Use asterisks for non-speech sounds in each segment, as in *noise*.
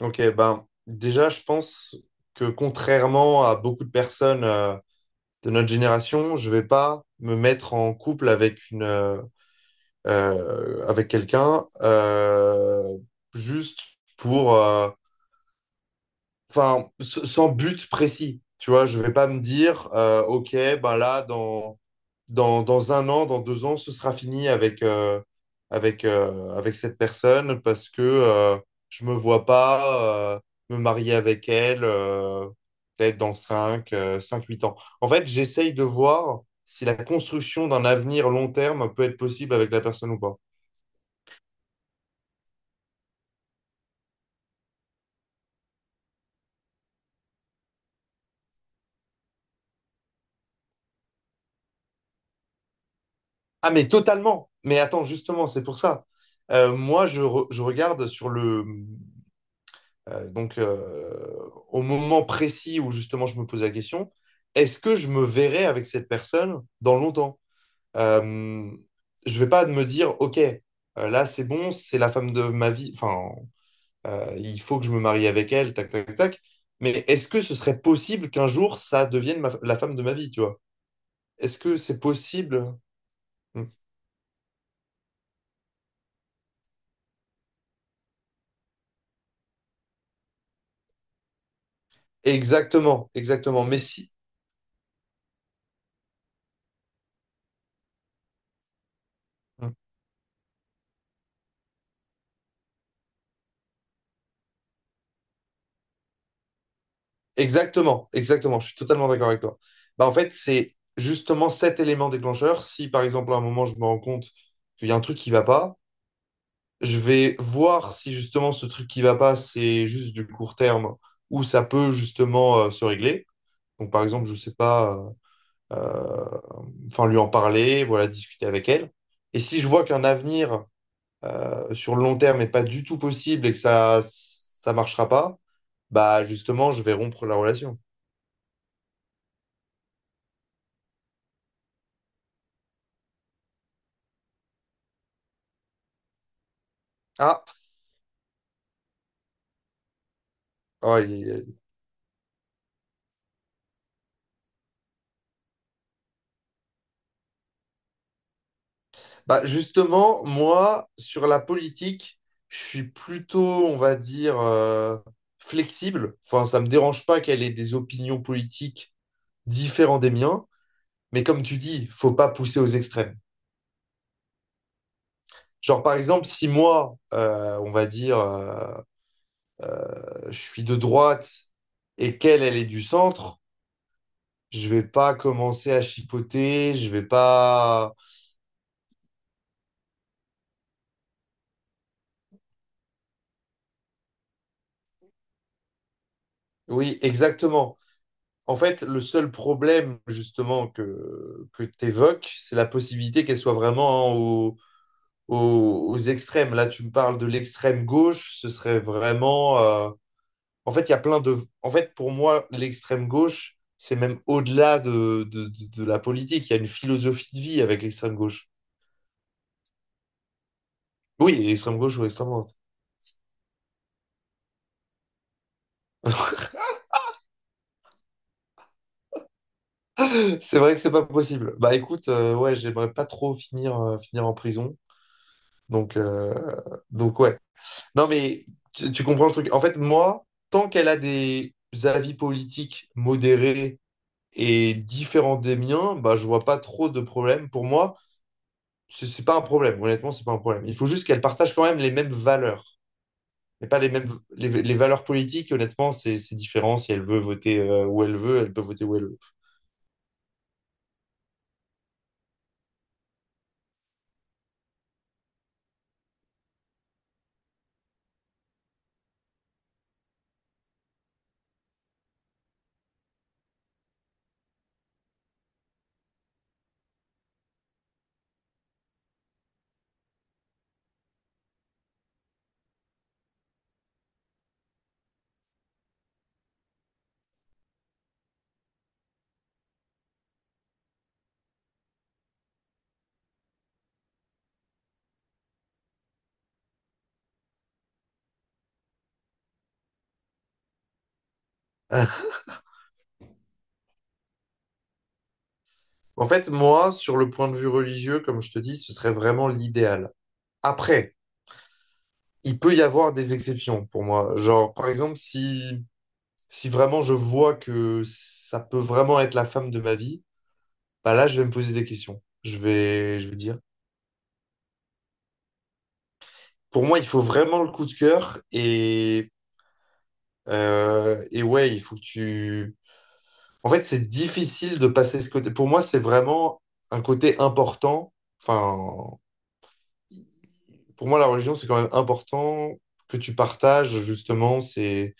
Ok, ben déjà, je pense que contrairement à beaucoup de personnes de notre génération, je vais pas me mettre en couple avec quelqu'un juste pour enfin sans but précis. Tu vois, je vais pas me dire ok, ben là dans un an, dans 2 ans, ce sera fini avec cette personne parce que je me vois pas me marier avec elle peut-être dans 5-8 ans. En fait, j'essaye de voir si la construction d'un avenir long terme peut être possible avec la personne ou pas. Ah, mais totalement. Mais attends, justement, c'est pour ça. Moi, je regarde sur le, donc, au moment précis où justement je me pose la question, est-ce que je me verrai avec cette personne dans longtemps? Euh, je vais pas me dire, OK, là c'est bon, c'est la femme de ma vie, enfin, il faut que je me marie avec elle, tac, tac, tac. Mais est-ce que ce serait possible qu'un jour ça devienne la femme de ma vie, tu vois? Est-ce que c'est possible? Mm. Exactement, exactement. Mais si. Mmh. Exactement, exactement, je suis totalement d'accord avec toi. Bah, en fait, c'est justement cet élément déclencheur. Si par exemple à un moment je me rends compte qu'il y a un truc qui va pas, je vais voir si justement ce truc qui va pas, c'est juste du court terme ou ça peut justement se régler. Donc par exemple, je sais pas, euh, enfin lui en parler, voilà, discuter avec elle. Et si je vois qu'un avenir sur le long terme n'est pas du tout possible et que ça marchera pas, bah justement, je vais rompre la relation. Ah, oh. Bah, justement, moi, sur la politique, je suis plutôt, on va dire, flexible. Enfin, ça me dérange pas qu'elle ait des opinions politiques différentes des miens. Mais comme tu dis, faut pas pousser aux extrêmes. Genre, par exemple, si moi, on va dire, je suis de droite et qu'elle, elle est du centre, je vais pas commencer à chipoter, je vais pas... Oui, exactement. En fait, le seul problème justement que tu évoques, c'est la possibilité qu'elle soit vraiment hein, aux extrêmes. Là, tu me parles de l'extrême gauche, ce serait vraiment... En fait, il y a plein de... En fait, pour moi, l'extrême gauche, c'est même au-delà de la politique. Il y a une philosophie de vie avec l'extrême gauche. Oui, extrême gauche ou extrême droite. *laughs* C'est vrai que c'est pas possible. Bah écoute, ouais, j'aimerais pas trop finir en prison. Donc, ouais. Non, mais tu comprends le truc. En fait, moi, tant qu'elle a des avis politiques modérés et différents des miens, bah, je vois pas trop de problème. Pour moi, c'est pas un problème. Honnêtement, c'est pas un problème. Il faut juste qu'elle partage quand même les mêmes valeurs. Mais pas les mêmes les valeurs politiques, honnêtement, c'est différent. Si elle veut voter où elle veut, elle peut voter où elle veut. *laughs* En fait, moi, sur le point de vue religieux, comme je te dis, ce serait vraiment l'idéal. Après, il peut y avoir des exceptions pour moi. Genre, par exemple, si vraiment je vois que ça peut vraiment être la femme de ma vie, bah là, je vais me poser des questions. Je vais dire. Pour moi, il faut vraiment le coup de cœur et ouais, il faut que tu. En fait, c'est difficile de passer ce côté. Pour moi, c'est vraiment un côté important. Enfin, pour moi, la religion, c'est quand même important que tu partages justement ces,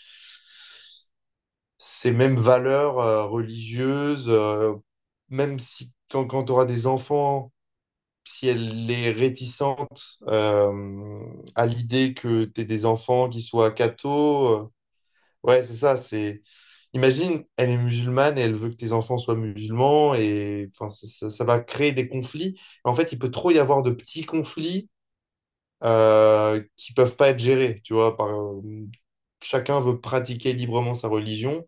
ces mêmes valeurs religieuses, même si quand tu auras des enfants si elle est réticente à l'idée que tu des enfants qui soient cathos, ouais, c'est ça, c'est... Imagine, elle est musulmane et elle veut que tes enfants soient musulmans et enfin, ça va créer des conflits. En fait, il peut trop y avoir de petits conflits qui peuvent pas être gérés, tu vois, par, chacun veut pratiquer librement sa religion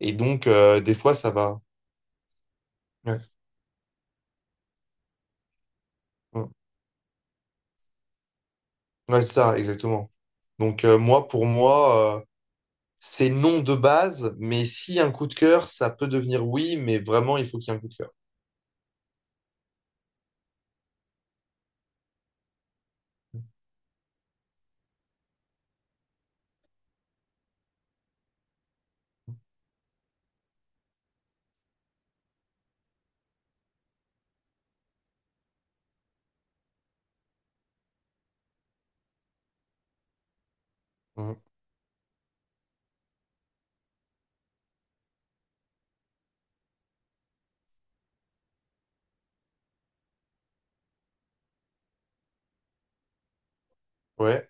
et donc, des fois, ça va... Ouais, ouais, Ouais, c'est ça, exactement. Donc, moi, pour moi... C'est non de base, mais si un coup de cœur, ça peut devenir oui, mais vraiment, il faut qu'il y ait un coup de cœur. Mhm. Ouais,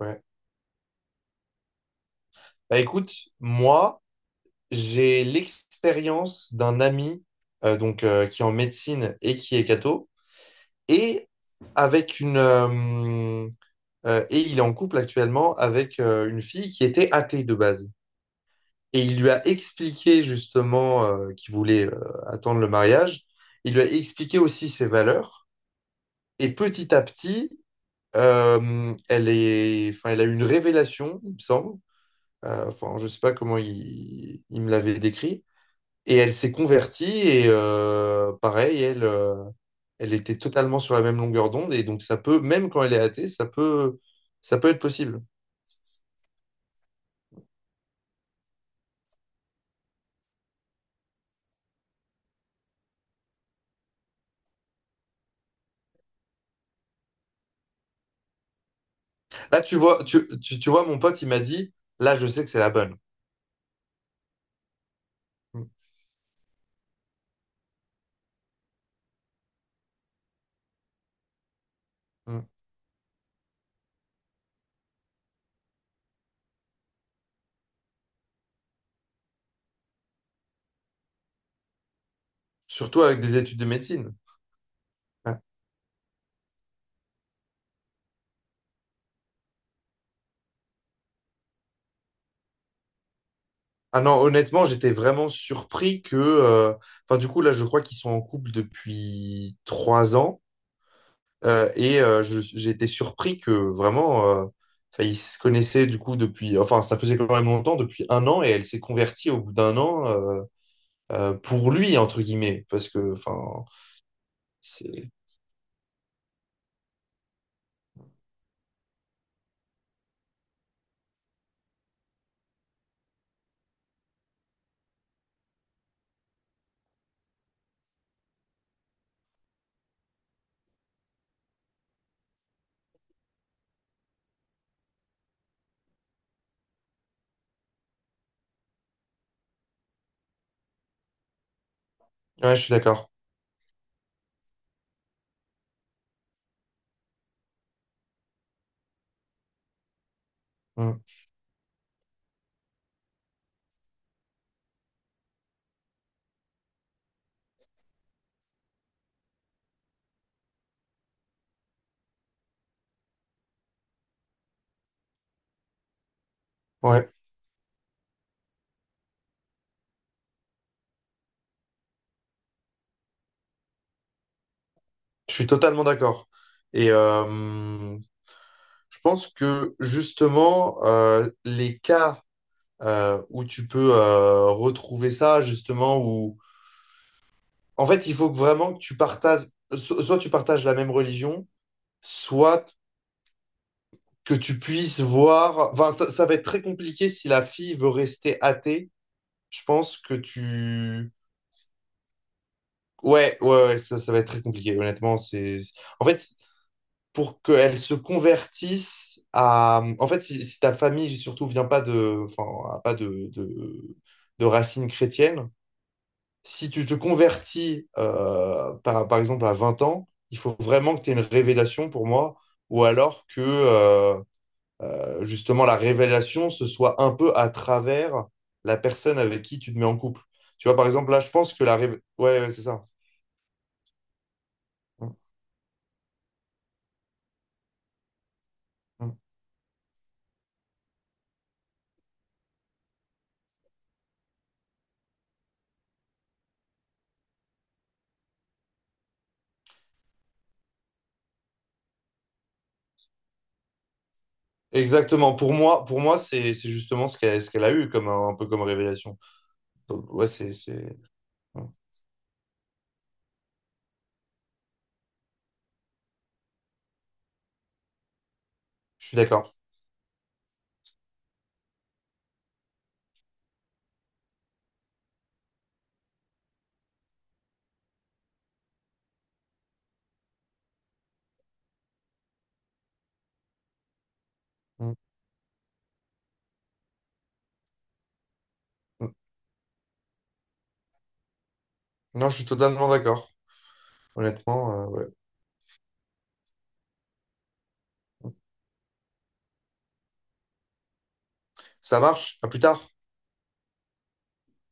ouais. Bah écoute, moi, j'ai l'expérience d'un ami donc, qui est en médecine et qui est catho, et avec une et il est en couple actuellement avec une fille qui était athée de base. Et il lui a expliqué justement qu'il voulait attendre le mariage. Il lui a expliqué aussi ses valeurs. Et petit à petit, enfin, elle a eu une révélation, il me semble. Enfin, je sais pas comment il me l'avait décrit. Et elle s'est convertie et pareil, elle était totalement sur la même longueur d'onde. Et donc ça peut, même quand elle est athée, ça peut être possible. Là, tu vois, tu vois, mon pote, il m'a dit, là, je sais que c'est la bonne. Mm, mm. Surtout avec des études de médecine. Ouais. Ah non, honnêtement, j'étais vraiment surpris que. Enfin, du coup, là, je crois qu'ils sont en couple depuis 3 ans. Et j'ai été surpris que vraiment, enfin, ils se connaissaient du coup depuis, enfin, ça faisait quand même longtemps, depuis un an, et elle s'est convertie au bout d'un an pour lui, entre guillemets, parce que, enfin, c'est. Ouais, je suis d'accord. Mm. Ouais, je suis totalement d'accord. Et je pense que justement, les cas où tu peux retrouver ça, justement, où. En fait, il faut que vraiment que tu partages, soit tu partages la même religion soit que tu puisses voir. Enfin, ça va être très compliqué si la fille veut rester athée. Je pense que tu. Ouais, ouais, ouais, ça va être très compliqué, honnêtement. C'est... En fait, pour qu'elle se convertisse à. En fait, si ta famille, surtout, vient pas de. Enfin, a pas de racines chrétiennes, si tu te convertis, par exemple, à 20 ans, il faut vraiment que tu aies une révélation pour moi, ou alors que. Justement la révélation, ce soit un peu à travers la personne avec qui tu te mets en couple. Tu vois, par exemple, là, je pense que la révélation... Ouais, ouais, c'est ça. Mm, mm. Exactement. Pour moi, c'est justement ce qu'elle a eu, comme un peu comme révélation. Donc, ouais, c'est... mm. Je suis d'accord. Mm, mm. Non, je suis totalement d'accord. Honnêtement, ouais. Ça marche. À plus tard.